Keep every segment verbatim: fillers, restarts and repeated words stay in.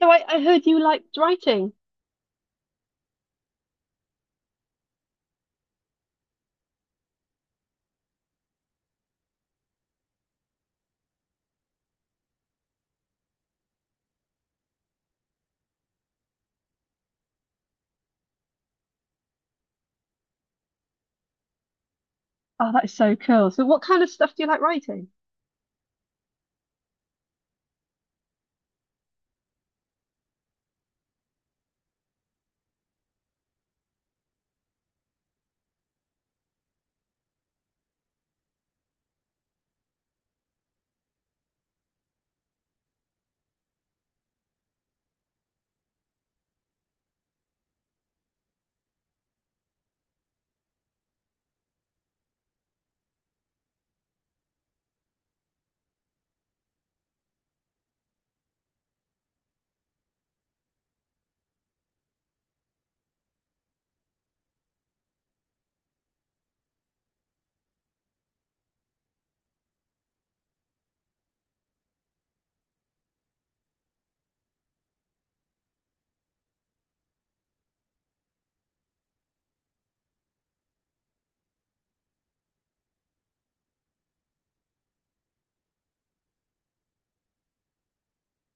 So I, I heard you liked writing. Oh, that is so cool. So what kind of stuff do you like writing?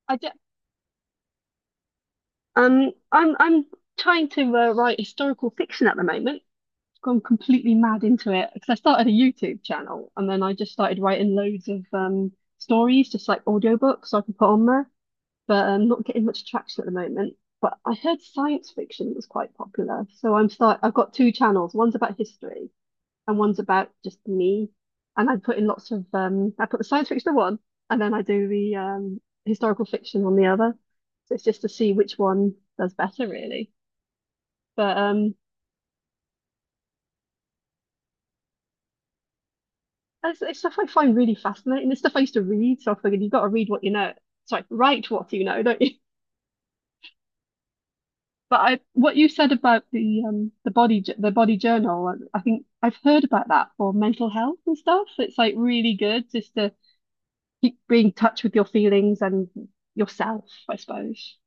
I do, um, I'm I'm trying to uh, write historical fiction at the moment. Gone completely mad into it because I started a YouTube channel and then I just started writing loads of um stories, just like audiobooks so I can put on there. But I'm not getting much traction at the moment. But I heard science fiction was quite popular, so I'm start. I've got two channels. One's about history and one's about just me. And I put in lots of um I put the science fiction on one and then I do the um historical fiction on the other. So it's just to see which one does better really. But um it's, it's stuff I find really fascinating. It's stuff I used to read, so I figured you've got to read what you know. Sorry, write what you know, don't you? But I, what you said about the um the body the body journal, I think I've heard about that for mental health and stuff. It's like really good just to keep being in touch with your feelings and yourself, I suppose.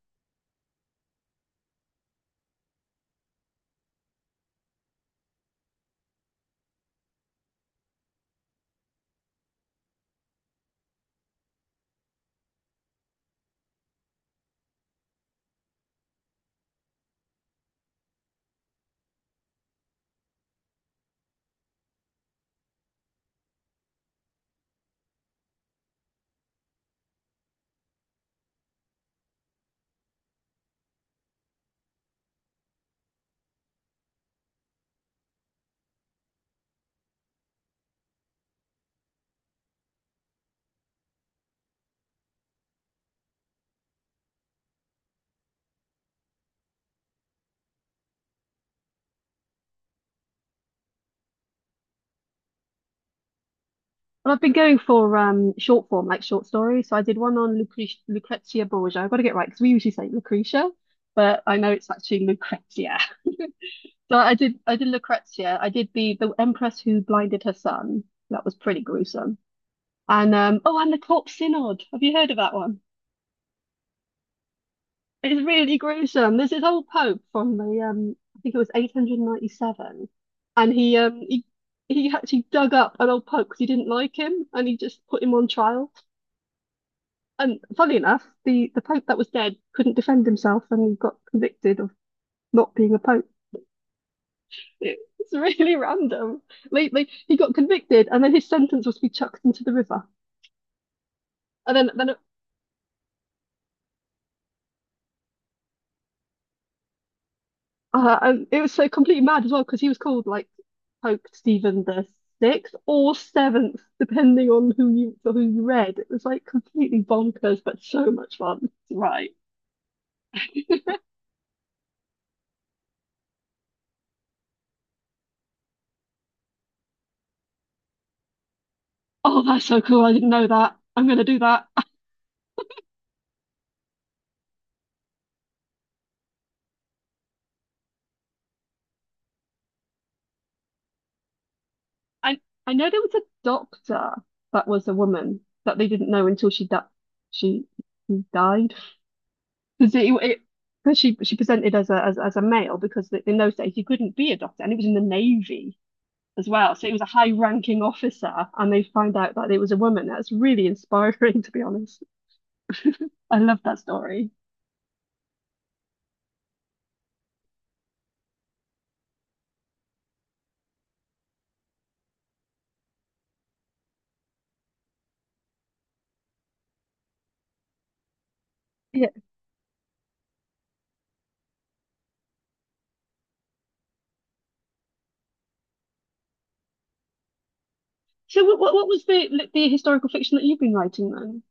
Well, I've been going for um short form, like short stories. So I did one on Lucre Lucrezia Borgia. I've got to get it right because we usually say Lucretia, but I know it's actually Lucrezia. So I did I did Lucrezia. I did the the Empress who blinded her son. That was pretty gruesome. And um oh, and the Corpse Synod. Have you heard of that one? It's really gruesome. There's this old pope from the um I think it was eight ninety-seven, and he um he he actually dug up an old pope because he didn't like him, and he just put him on trial. And funny enough, the, the Pope that was dead couldn't defend himself and he got convicted of not being a Pope. It's really random. Like, like he got convicted and then his sentence was to be chucked into the river. And then then it, uh, and it was so completely mad as well because he was called like Pope Stephen the sixth or seventh, depending on who you who you read. It was like completely bonkers, but so much fun. Right. Oh, that's so cool. I didn't know that. I'm gonna do that. I I know there was a doctor that was a woman that they didn't know until she di she she died because it, it 'cause she she presented as a as, as a male because th- in those days you couldn't be a doctor and it was in the Navy as well, so it was a high ranking officer and they find out that it was a woman. That's really inspiring to be honest. I love that story. Yeah, so what what, what was the the historical fiction that you've been writing then?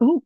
Oh,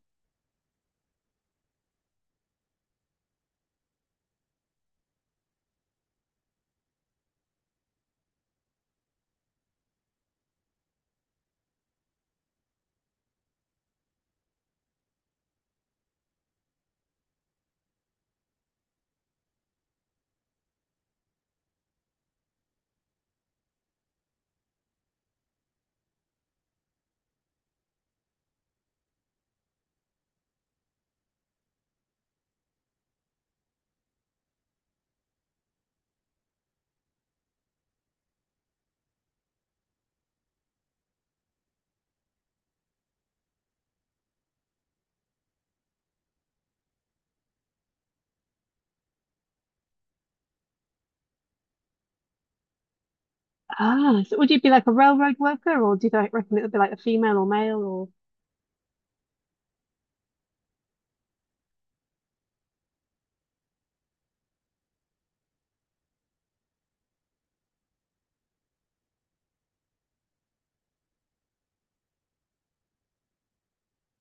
ah, so would you be like a railroad worker or do you like, reckon it would be like a female or male or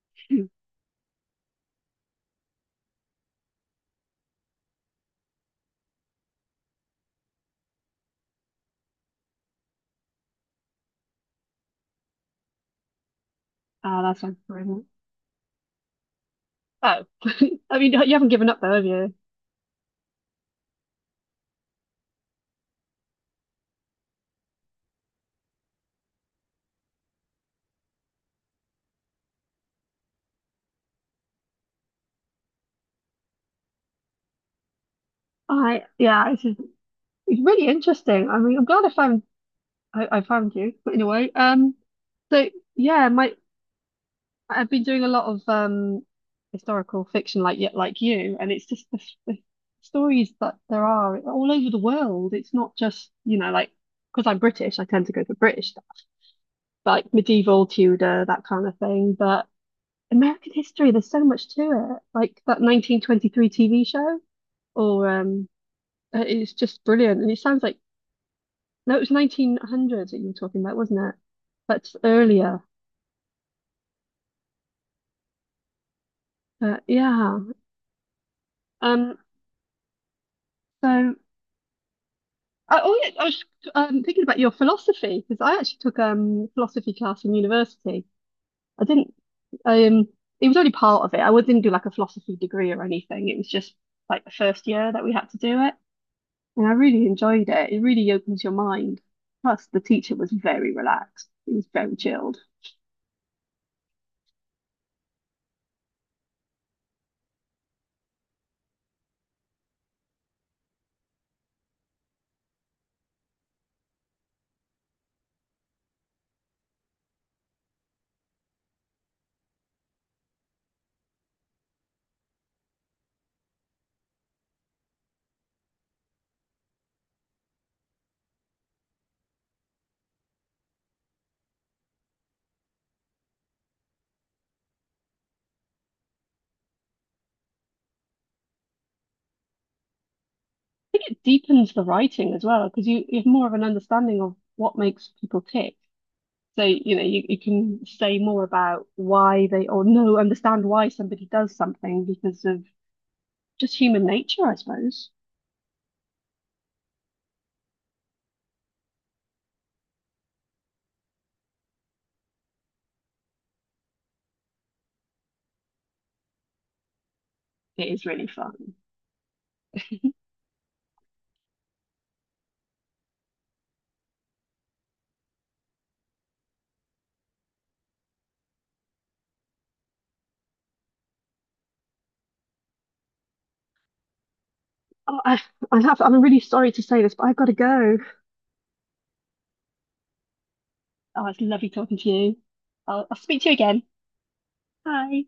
oh, that's one brilliant. Oh, I mean, you haven't given up though, have you? I yeah, it's just, it's really interesting. I mean, I'm glad I found I, I found you but in a way. Um, so yeah, my I've been doing a lot of um historical fiction like yet like you, and it's just the, the stories that there are all over the world. It's not just you know like because I'm British, I tend to go for British stuff, like medieval Tudor that kind of thing, but. American history, there's so much to it. Like that nineteen twenty-three T V show. Or um, uh, it's just brilliant. And it sounds like no, it was nineteen hundreds that you were talking about, wasn't it? That's earlier. But yeah. Um. So I, oh yeah, I was um, thinking about your philosophy because I actually took um philosophy class in university. I didn't. Um. It was only part of it. I didn't do like a philosophy degree or anything. It was just like the first year that we had to do it, and I really enjoyed it. It really opens your mind. Plus, the teacher was very relaxed. He was very chilled. Think it deepens the writing as well because you, you have more of an understanding of what makes people tick. So, you know, you, you can say more about why they or no understand why somebody does something because of just human nature, I suppose. It is really fun. Oh, I, I have, I'm really sorry to say this, but I've got to go. Oh, it's lovely talking to you. I'll, I'll speak to you again. Bye.